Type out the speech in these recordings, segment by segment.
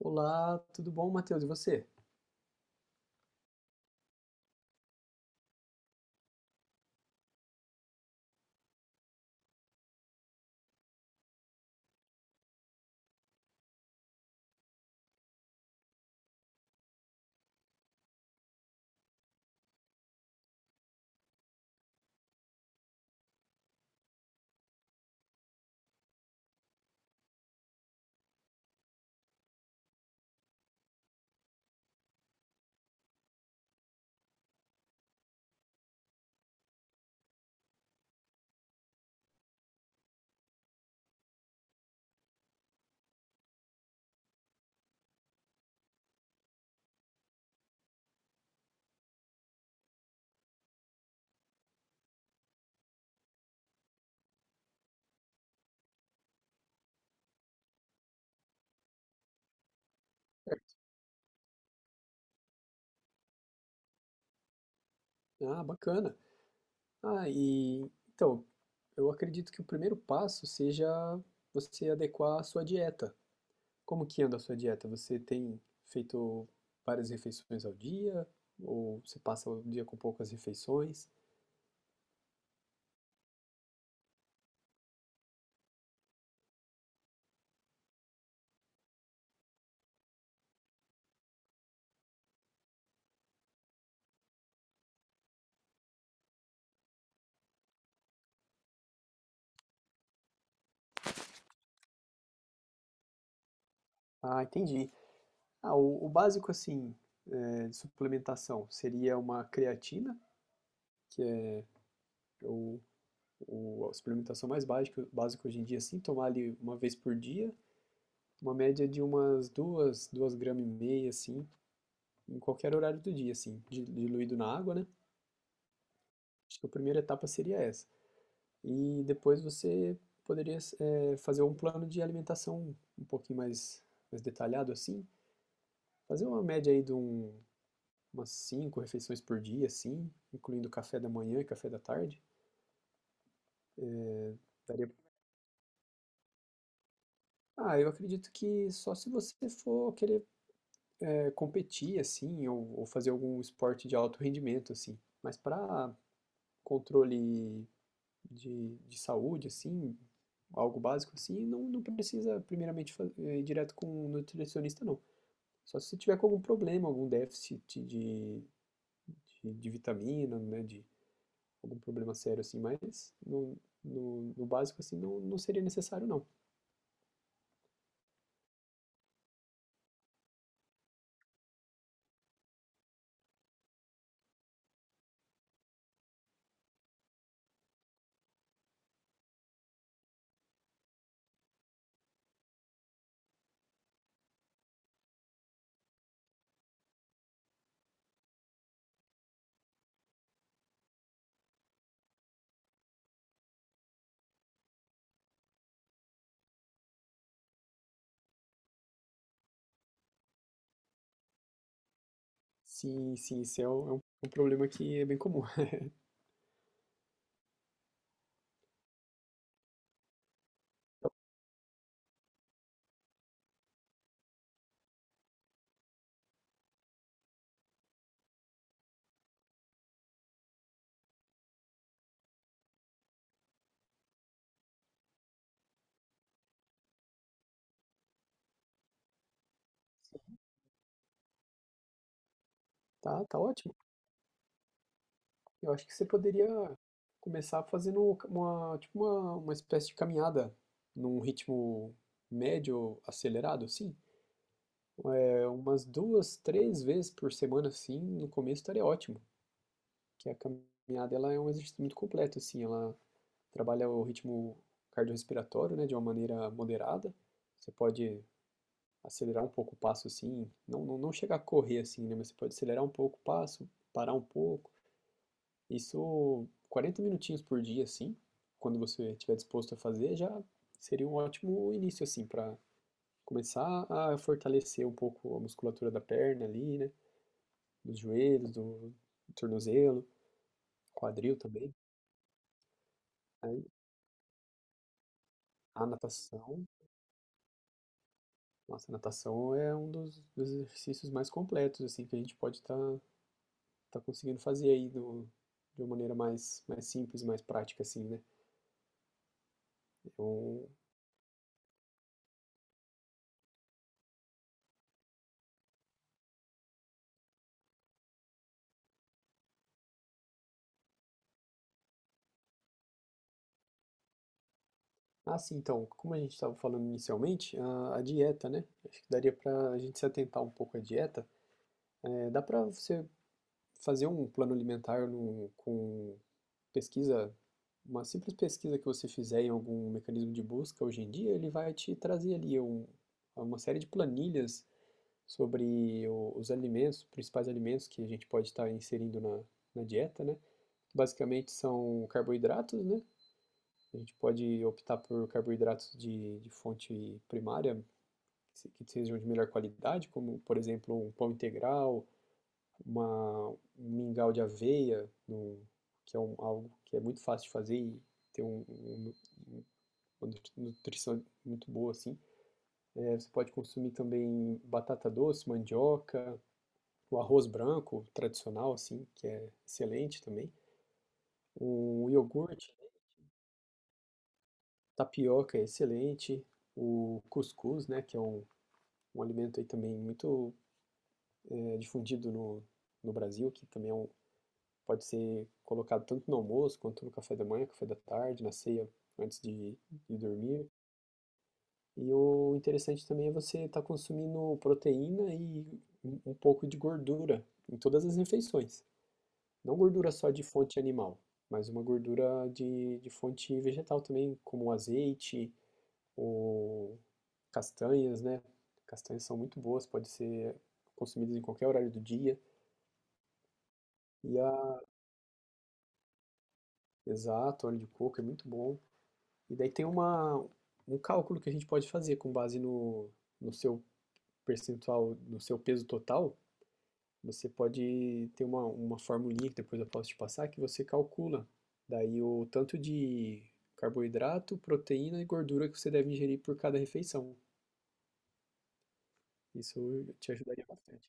Olá, tudo bom, Matheus? E você? Ah, bacana. Ah, e então, eu acredito que o primeiro passo seja você adequar a sua dieta. Como que anda a sua dieta? Você tem feito várias refeições ao dia? Ou você passa o dia com poucas refeições? Ah, entendi. Ah, o básico, assim, de suplementação seria uma creatina, que é o, a suplementação mais básica, básica hoje em dia, assim, tomar ali uma vez por dia, uma média de umas 2,5 gramas, assim, em qualquer horário do dia, assim, diluído na água, né? Acho que a primeira etapa seria essa. E depois você poderia, fazer um plano de alimentação um pouquinho mais detalhado, assim. Fazer uma média aí de umas 5 refeições por dia, assim, incluindo café da manhã e café da tarde. Daria... Ah, eu acredito que só se você for querer competir, assim, ou fazer algum esporte de alto rendimento, assim. Mas para controle de saúde, assim, algo básico assim, não, não precisa primeiramente fazer ir direto com um nutricionista, não. Só se você tiver com algum problema, algum déficit de vitamina, né, de algum problema sério assim, mas no básico assim não, não seria necessário, não. Sim, sim, isso é um problema que é bem comum. Tá, tá ótimo. Eu acho que você poderia começar fazendo uma espécie de caminhada num ritmo médio acelerado, assim. É, umas duas, três vezes por semana, assim, no começo estaria ótimo. Que a caminhada ela é um exercício muito completo, assim, ela trabalha o ritmo cardiorrespiratório, né, de uma maneira moderada. Você pode acelerar um pouco o passo, assim, não chegar a correr, assim, né, mas você pode acelerar um pouco o passo, parar um pouco. Isso 40 minutinhos por dia, assim, quando você estiver disposto a fazer, já seria um ótimo início, assim, para começar a fortalecer um pouco a musculatura da perna ali, né? Dos joelhos, do tornozelo, quadril também. Aí, a natação, nossa, a natação é um dos exercícios mais completos, assim, que a gente pode estar conseguindo fazer aí do, de uma maneira mais simples, mais prática, assim, né? Eu- Ah, sim, então, como a gente estava falando inicialmente, a dieta, né? Acho que daria para a gente se atentar um pouco à dieta. É, dá para você fazer um plano alimentar no, com pesquisa, uma simples pesquisa que você fizer em algum mecanismo de busca hoje em dia, ele vai te trazer ali uma série de planilhas sobre os alimentos, principais alimentos que a gente pode estar inserindo na dieta, né? Basicamente são carboidratos, né? A gente pode optar por carboidratos de fonte primária, que sejam de melhor qualidade, como, por exemplo, um pão integral, um mingau de aveia, num- que é algo que é muito fácil de fazer e tem um- um- um- uma nutrição muito boa, assim. É, você pode consumir também batata doce, mandioca, o arroz branco tradicional, assim, que é excelente também. O iogurte, tapioca é excelente. O cuscuz, né, que é um alimento aí também muito difundido no Brasil, que também é um, pode ser colocado tanto no almoço, quanto no café da manhã, café da tarde, na ceia, antes de dormir. E o interessante também é você estar consumindo proteína e um pouco de gordura em todas as refeições. Não gordura só de fonte animal, mas uma gordura de fonte vegetal também, como o azeite ou castanhas, né? Castanhas são muito boas, pode ser consumidas em qualquer horário do dia. E a, exato, óleo de coco é muito bom. E daí tem um cálculo que a gente pode fazer com base no seu percentual, no seu peso total. Você pode ter uma formulinha que depois eu posso te passar que você calcula. Daí o tanto de carboidrato, proteína e gordura que você deve ingerir por cada refeição. Isso te ajudaria bastante.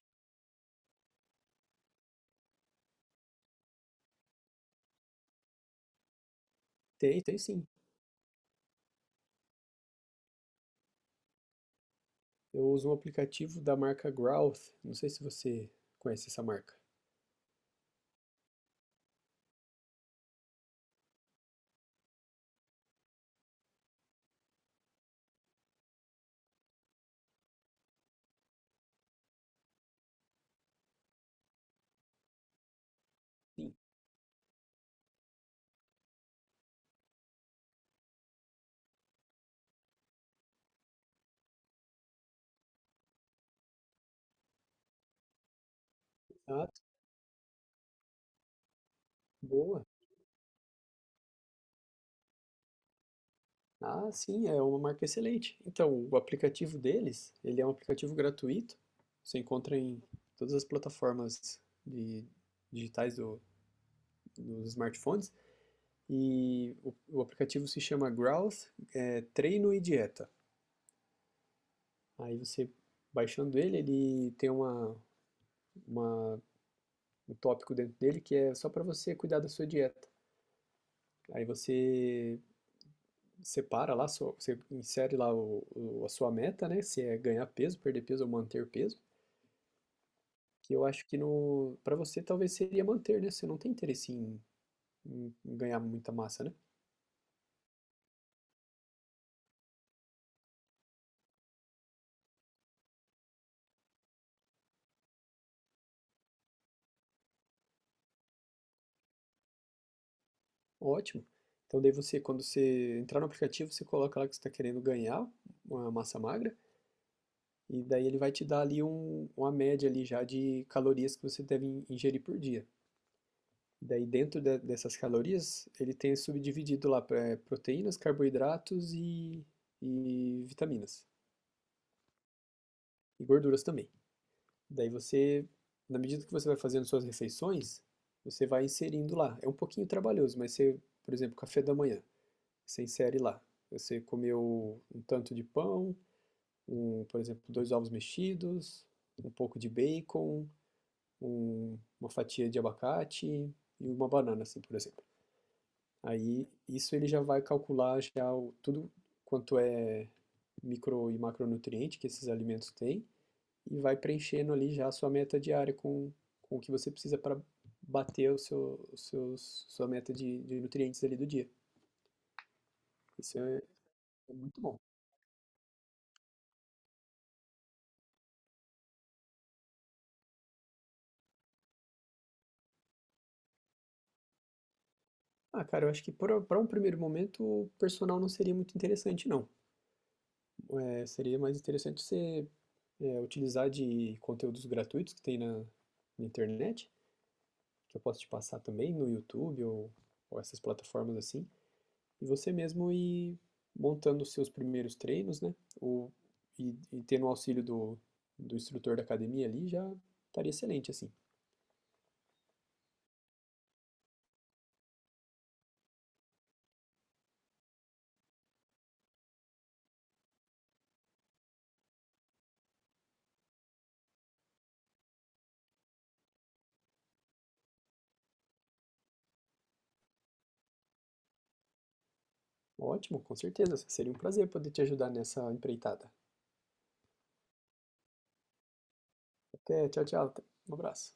Tem, tem sim. Eu uso um aplicativo da marca Growth. Não sei se você conhece essa marca. Sim. Ah, boa. Ah, sim, é uma marca excelente. Então, o aplicativo deles, ele é um aplicativo gratuito. Você encontra em todas as plataformas de- digitais do- dos smartphones. E o aplicativo se chama Growth, é, Treino e Dieta. Aí você, baixando ele, ele tem uma- um tópico dentro dele que é só para você cuidar da sua dieta. Aí você separa lá, sua- você insere lá a sua meta, né? Se é ganhar peso, perder peso ou manter peso. Que eu acho que no para você talvez seria manter, né? Você não tem interesse em ganhar muita massa, né? Ótimo. Então daí você, quando você entrar no aplicativo, você coloca lá que você está querendo ganhar uma massa magra e daí ele vai te dar ali uma média ali já de calorias que você deve ingerir por dia. Daí dentro dessas calorias, ele tem subdividido lá pra- proteínas, carboidratos e vitaminas e gorduras também. Daí você, na medida que você vai fazendo suas refeições, você vai inserindo lá. É um pouquinho trabalhoso, mas você, por exemplo, café da manhã, você insere lá. Você comeu um tanto de pão, um, por exemplo, dois ovos mexidos, um pouco de bacon, uma fatia de abacate e uma banana, assim, por exemplo. Aí isso ele já vai calcular já o- tudo quanto é micro e macronutriente que esses alimentos têm e vai preenchendo ali já a sua meta diária com o que você precisa para bater o seu, os seus, sua meta de nutrientes ali do dia. Isso é, é muito bom. Ah, cara, eu acho que para um primeiro momento o personal não seria muito interessante, não. É, seria mais interessante você utilizar de conteúdos gratuitos que tem na internet, que eu posso te passar também no YouTube ou essas plataformas assim. E você mesmo ir montando os seus primeiros treinos, né? Ou, e tendo o auxílio do instrutor da academia ali, já estaria excelente, assim. Ótimo, com certeza. Seria um prazer poder te ajudar nessa empreitada. Até, tchau, tchau. Um abraço.